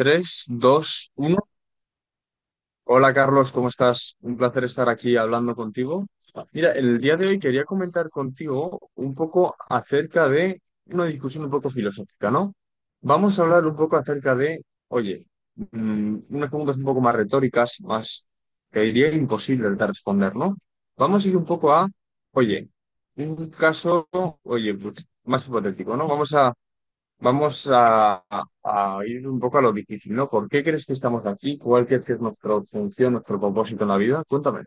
Tres, dos, uno. Hola Carlos, ¿cómo estás? Un placer estar aquí hablando contigo. Mira, el día de hoy quería comentar contigo un poco acerca de una discusión un poco filosófica, ¿no? Vamos a hablar un poco acerca de, oye, unas preguntas un poco más retóricas, más que diría imposible de responder, ¿no? Vamos a ir un poco a, oye, un caso, oye, pues, más hipotético, ¿no? Vamos a ir un poco a lo difícil, ¿no? ¿Por qué crees que estamos aquí? ¿Cuál crees que es nuestra función, nuestro propósito en la vida? Cuéntame.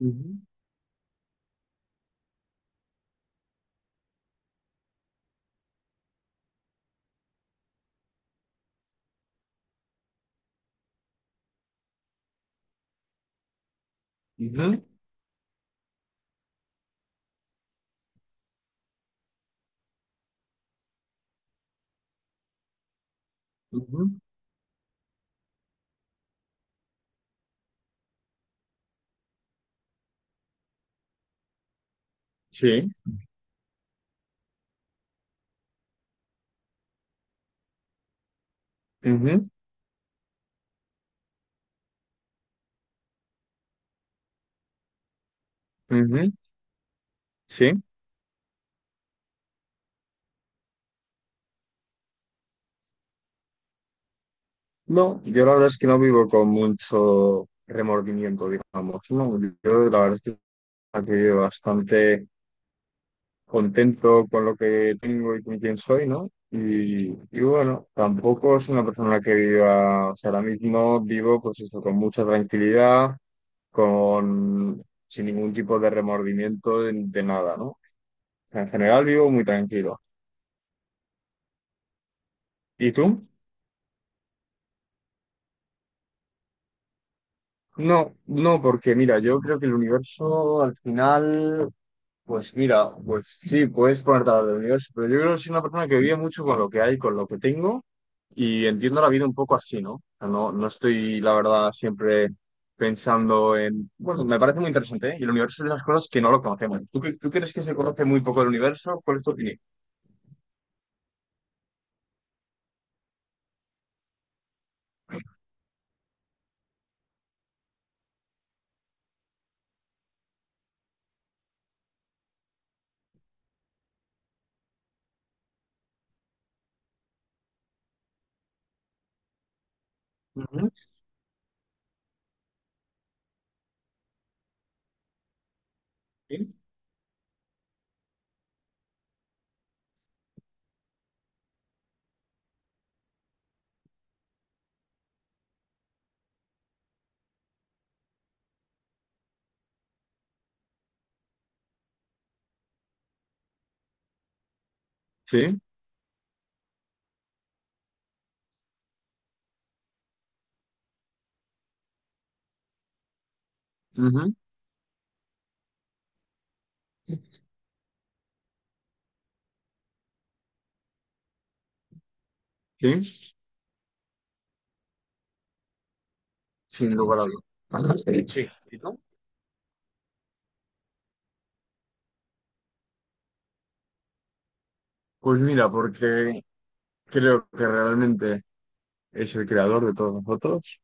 Ujú, ujú, ujú. Sí. Ujú, ujú. Sí. No, yo la verdad es que no vivo con mucho remordimiento, digamos, ¿no? Yo la verdad es que estoy bastante contento con lo que tengo y con quién soy, ¿no? Y bueno, tampoco es una persona que viva, o sea, ahora mismo vivo pues eso, con mucha tranquilidad con, sin ningún tipo de remordimiento de nada, ¿no? O sea, en general vivo muy tranquilo. ¿Y tú? No, no, porque mira, yo creo que el universo al final, pues mira, pues sí, puedes ponerte a hablar del universo, pero yo creo que soy una persona que vive mucho con lo que hay, con lo que tengo, y entiendo la vida un poco así, ¿no? O sea, no, no estoy, la verdad, siempre pensando en, bueno, me parece muy interesante, ¿eh? Y el universo es de las cosas que no lo conocemos. ¿Tú crees que se conoce muy poco el universo? ¿Cuál es tu opinión? Ujú, sí. Sí, ujú, sí, sin lugar a dudas. Ajá, sí. ¿Y tú? Pues mira, porque creo que realmente es el creador de todos nosotros.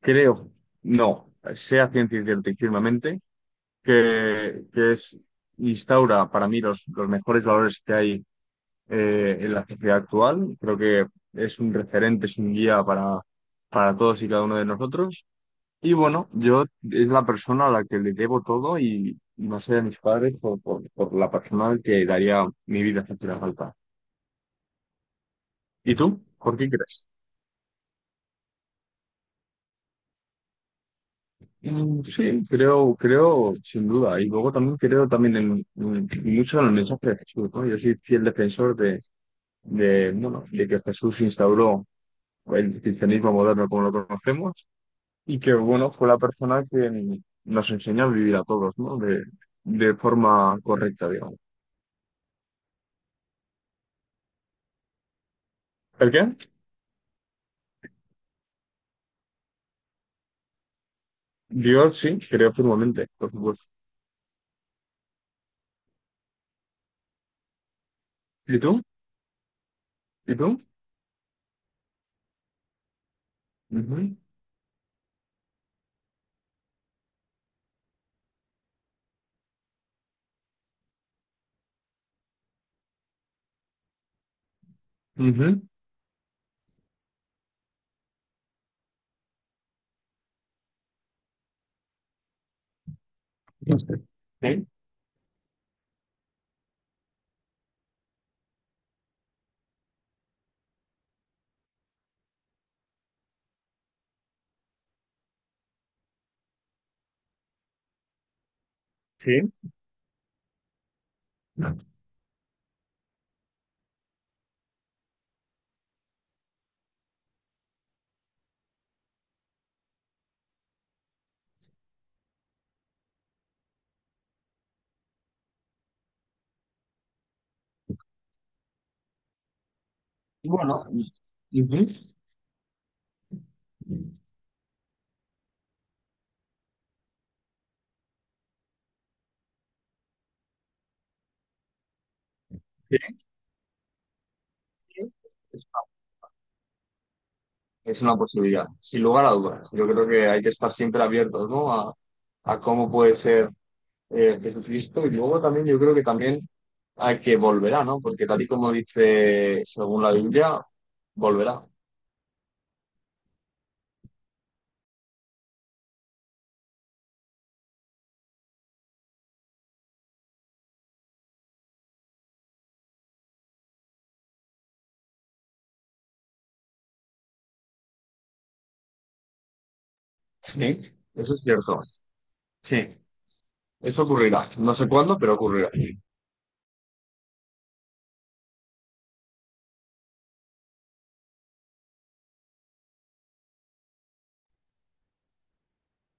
Creo, no, sea ciencia cierta y firmemente, que es, instaura para mí los mejores valores que hay en la sociedad actual. Creo que es un referente, es un guía para todos y cada uno de nosotros. Y bueno, yo es la persona a la que le debo todo y no allá de mis padres, por la persona al que daría mi vida si hiciera falta. ¿Y tú? ¿Por qué crees? Mm, sí, creo, creo, sin duda. Y luego también creo también en, mucho en el mensaje de Jesús, ¿no? Yo soy fiel defensor de, bueno, de que Jesús instauró el cristianismo moderno como lo conocemos y que, bueno, fue la persona que nos enseña a vivir a todos, ¿no? De forma correcta, digamos. ¿El qué? Yo sí, creo firmemente, por supuesto. ¿Y tú? ¿Y tú? Ujú, ujú. No sé. Sí, sí. Bueno, ujú, sí, es una es una posibilidad, sin lugar a dudas. Yo creo que hay que estar siempre abiertos, ¿no? A cómo puede ser Jesucristo. Y luego también yo creo que también hay que volverá, ¿no? Porque tal y como dice según la Biblia, volverá. Sí, eso es cierto. Sí, eso ocurrirá. No sé cuándo, pero ocurrirá.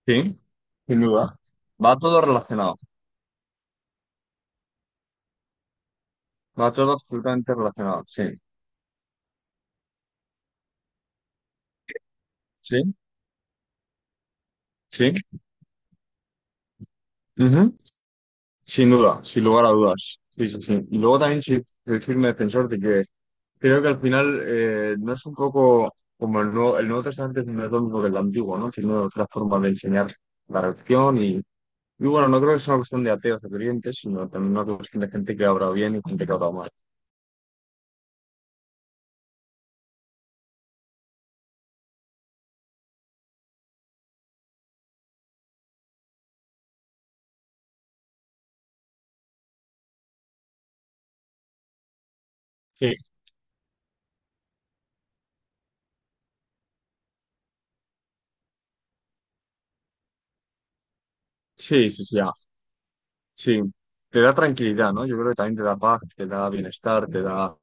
Sí, sin duda. Va todo relacionado. Va todo absolutamente relacionado. Sí, sí, sí. Ujú, sin duda, sin lugar a dudas. Sí, sí, sí. Y luego también sí, decirme defensor de que creo que al final no es un poco como el nuevo Testamento no es lo mismo que el antiguo, ¿no? Sino otra forma de enseñar la religión y bueno, no creo que sea una cuestión de ateos o creyentes, sino también una cuestión de gente que ha obrado bien y gente que ha obrado mal. Sí, sí, sí, sí. Sí, te da tranquilidad, ¿no? Yo creo que también te da paz, te da bienestar, te da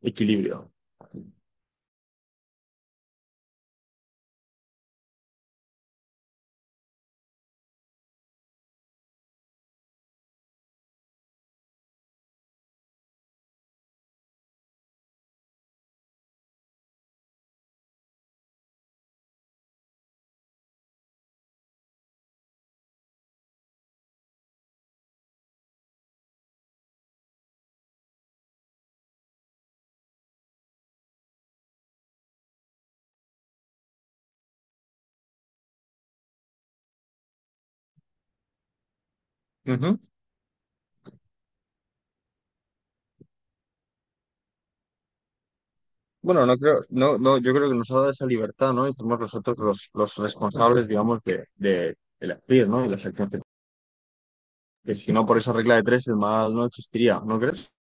equilibrio. Ujú. Bueno, no creo, no, no, yo creo que nos ha dado esa libertad, ¿no? Y somos nosotros los responsables, digamos, de elegir, ¿no? Y las acciones que si no por esa regla de tres, el mal no existiría, ¿no crees?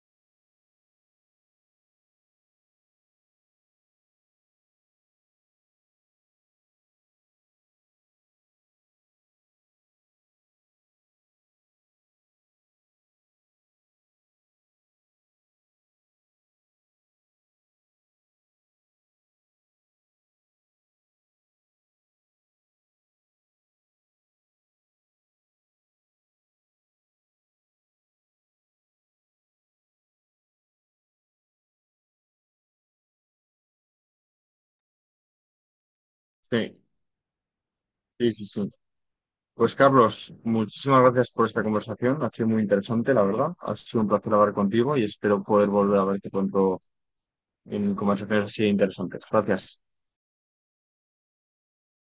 Sí, sí, sí, sí. Pues Carlos, muchísimas gracias por esta conversación. Ha sido muy interesante, la verdad. Ha sido un placer hablar contigo y espero poder volver a verte pronto en conversaciones así interesantes. Gracias.